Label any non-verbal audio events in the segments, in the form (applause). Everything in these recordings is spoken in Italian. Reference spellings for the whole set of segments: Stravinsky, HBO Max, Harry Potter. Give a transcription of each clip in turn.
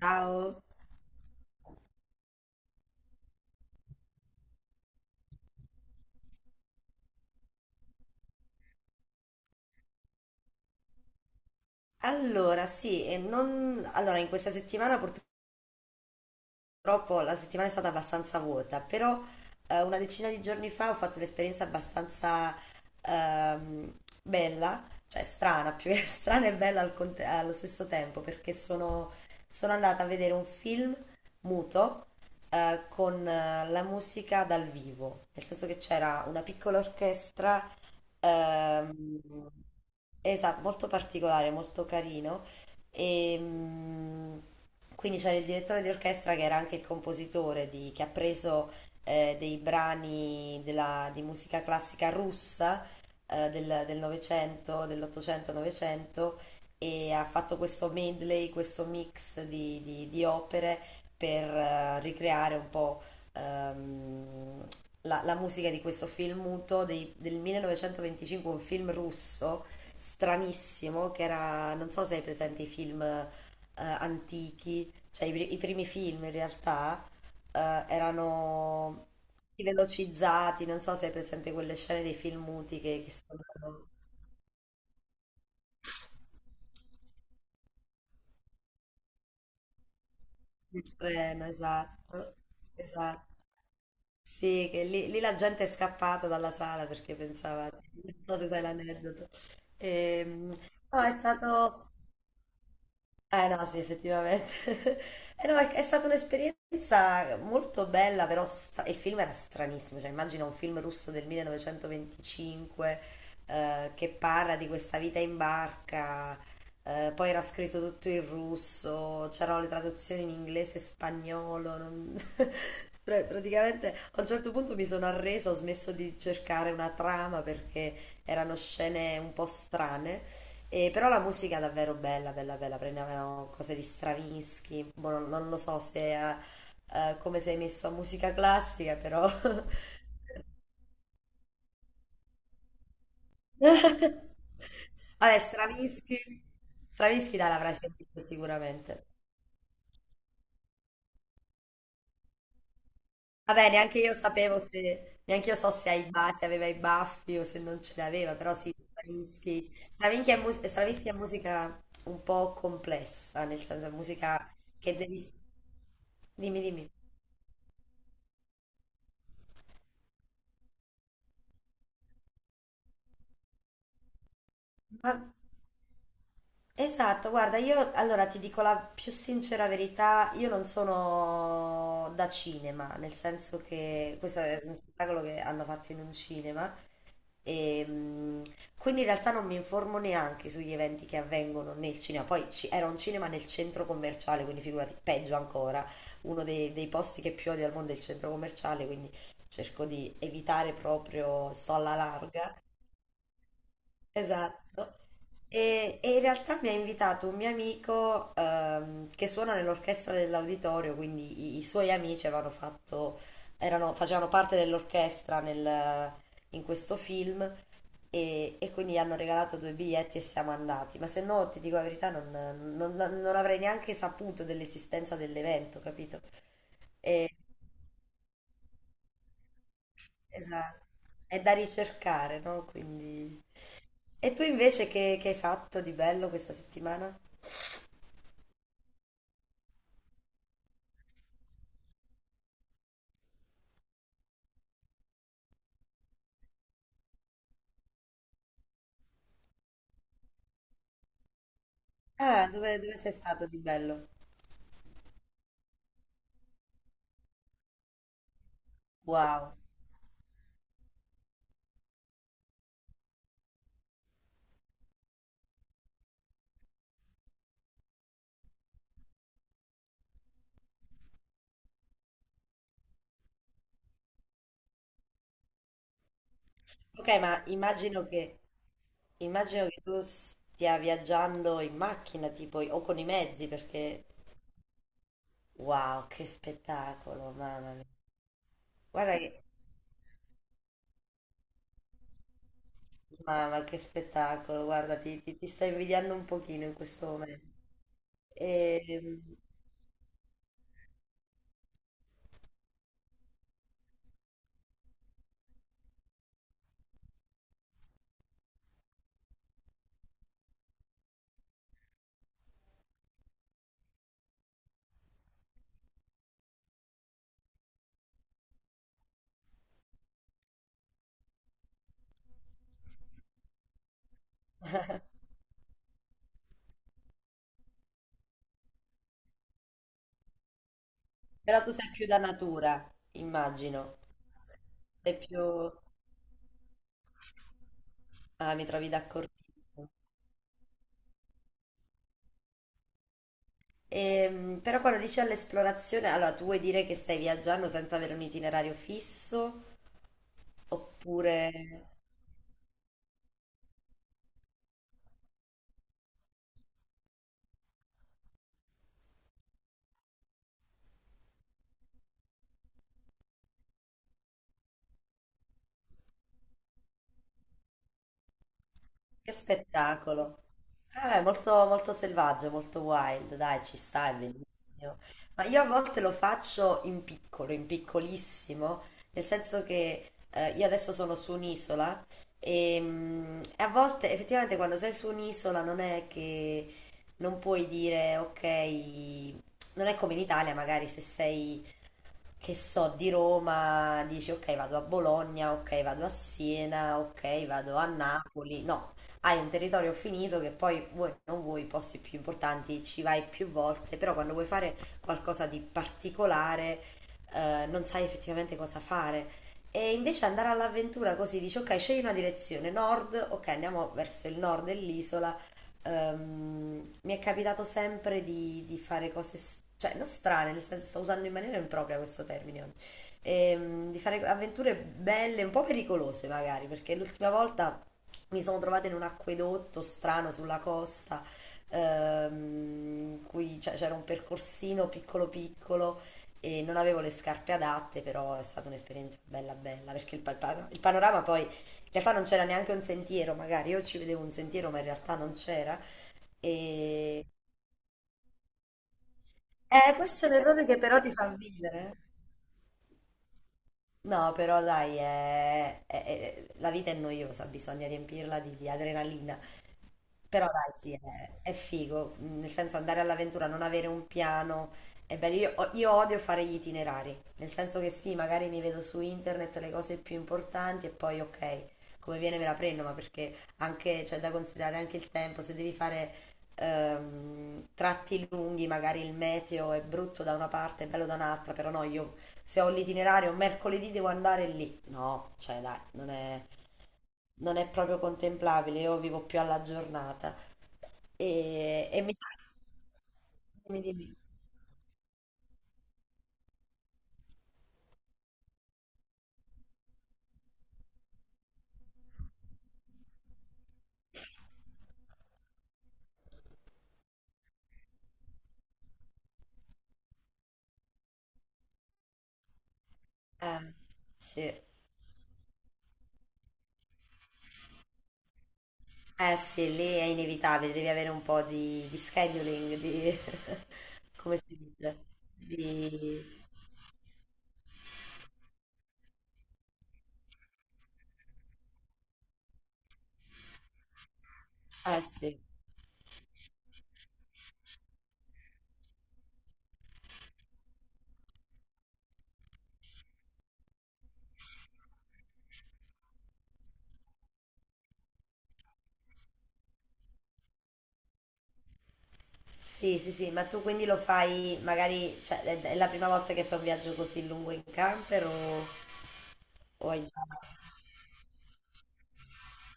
Ciao. Allora, sì, e non... allora, in questa settimana purtroppo la settimana è stata abbastanza vuota, però una decina di giorni fa ho fatto un'esperienza abbastanza bella, cioè strana, più che (laughs) strana e bella allo stesso tempo, perché sono andata a vedere un film muto con la musica dal vivo, nel senso che c'era una piccola orchestra. Ehm, esatto, molto particolare, molto carino. E, mm, quindi c'era il direttore di orchestra che era anche il compositore che ha preso dei brani di musica classica russa del Novecento, dell'Ottocento e Novecento, e ha fatto questo medley, questo mix di opere per ricreare un po' ehm, la musica di questo film muto del 1925, un film russo stranissimo, che era, non so se hai presente i film antichi, cioè i primi film in realtà erano tutti velocizzati, non so se hai presente quelle scene dei film muti che sono nel treno, esatto, esatto. Sì, che lì la gente è scappata dalla sala perché pensava, non so se sai l'aneddoto. Ehm, no, è stato, eh no, Sì, effettivamente. (laughs) No, è, È stata un'esperienza molto bella, però il film era stranissimo, cioè immagina un film russo del 1925 che parla di questa vita in barca, poi era scritto tutto in russo, c'erano le traduzioni in inglese e spagnolo, non- (laughs) praticamente a un certo punto mi sono arresa, ho smesso di cercare una trama perché erano scene un po' strane. E però la musica è davvero bella, bella, bella. Prendevano cose di Stravinsky. Boh, non lo so se è come sei messo a musica classica, però. (laughs) Vabbè, Stravinsky. Stravinsky dai, l'avrai sentito sicuramente. Vabbè, neanche io sapevo se. Neanche io so se, se aveva i baffi o se non ce l'aveva, però sì, Stravinsky. Stravinsky è musica un po' complessa, nel senso è musica che devi. Dimmi, dimmi. Esatto, guarda, io allora ti dico la più sincera verità, io non sono da cinema, nel senso che questo è uno spettacolo che hanno fatto in un cinema e mm, quindi in realtà non mi informo neanche sugli eventi che avvengono nel cinema, poi era un cinema nel centro commerciale, quindi figurati, peggio ancora, uno dei posti che più odio al mondo è il centro commerciale, quindi cerco di evitare proprio, sto alla larga. Esatto. E in realtà mi ha invitato un mio amico che suona nell'orchestra dell'auditorio, quindi i suoi amici facevano parte dell'orchestra in questo film e quindi gli hanno regalato due biglietti e siamo andati. Ma se no, ti dico la verità, non avrei neanche saputo dell'esistenza dell'evento, capito? Esatto, è da ricercare, no? Quindi... E tu invece che hai fatto di bello questa settimana? Ah, dove sei stato di bello? Wow. Ok, immagino che tu stia viaggiando in macchina, tipo, o con i mezzi, perché... Wow, che spettacolo, mamma mia. Guarda che... Mamma, che spettacolo, guarda, ti sto invidiando un pochino in questo momento. Ehm, Però tu sei più da natura, immagino. Sei più... Ah, mi trovi d'accordissimo. Però quando dici all'esplorazione, allora tu vuoi dire che stai viaggiando senza avere un itinerario fisso? Oppure... Che spettacolo. Ah, è molto, molto selvaggio, molto wild, dai, ci sta, è bellissimo. Ma io a volte lo faccio in piccolo, in piccolissimo, nel senso che io adesso sono su un'isola e a volte effettivamente quando sei su un'isola non è che non puoi dire ok, non è come in Italia, magari se sei che so, di Roma, dici ok vado a Bologna, ok vado a Siena, ok vado a Napoli, no, hai un territorio finito che poi vuoi o non vuoi, i posti più importanti ci vai più volte, però quando vuoi fare qualcosa di particolare non sai effettivamente cosa fare. E invece andare all'avventura così dici ok, scegli una direzione, nord, ok andiamo verso il nord dell'isola. Mi è capitato sempre di fare cose, cioè non strane, nel senso sto usando in maniera impropria questo termine oggi. Di fare avventure belle, un po' pericolose magari, perché l'ultima volta mi sono trovata in un acquedotto strano sulla costa, ehm, in cui c'era un percorsino piccolo piccolo e non avevo le scarpe adatte, però è stata un'esperienza bella bella, perché il panorama poi in realtà non c'era neanche un sentiero, magari io ci vedevo un sentiero, ma in realtà non c'era. E... questo è un errore che però ti fa vivere. No, però dai, la vita è noiosa, bisogna riempirla di adrenalina. Però dai, sì, è figo, mm, nel senso andare all'avventura, non avere un piano, è bello. Io odio fare gli itinerari, nel senso che sì, magari mi vedo su internet le cose più importanti e poi ok, come viene me la prendo, ma perché anche c'è da considerare anche il tempo, se devi fare tratti lunghi, magari il meteo è brutto da una parte, è bello da un'altra, però no, io se ho l'itinerario mercoledì devo andare lì, no, cioè dai, non è proprio contemplabile, io vivo più alla giornata e mi sa. Dimmi, dimmi. Eh, sì. Eh sì, lì è inevitabile, devi avere un po' di scheduling, di... (laughs) come si dice? Di... Eh sì. Sì, sì, sì, ma tu quindi lo fai magari, cioè è la prima volta che fai un viaggio così lungo in camper o hai già...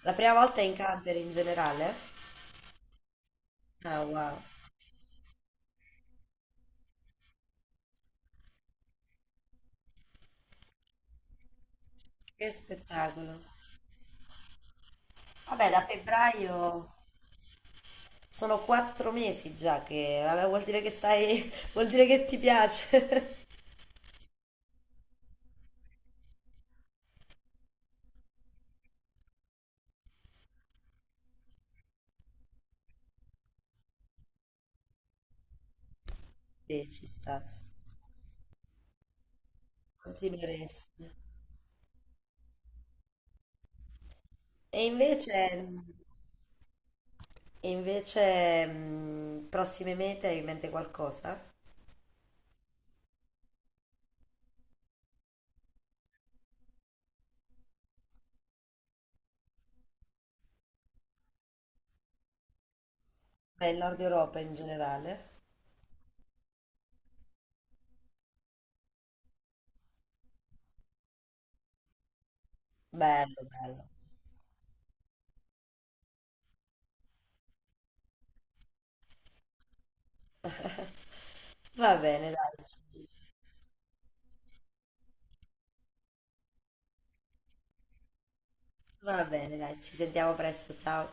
La prima volta è in camper in generale? Ah, wow, che spettacolo. Vabbè, da febbraio sono quattro mesi già che, vabbè, vuol dire che stai, (laughs) vuol dire che ti piace. (laughs) Sì, ci sta, continueresti. E invece, e invece, prossime mete hai in mente qualcosa? Beh, il Nord Europa in generale. Bello, bello. Va bene, dai, ci- va bene, dai, ci sentiamo presto, ciao.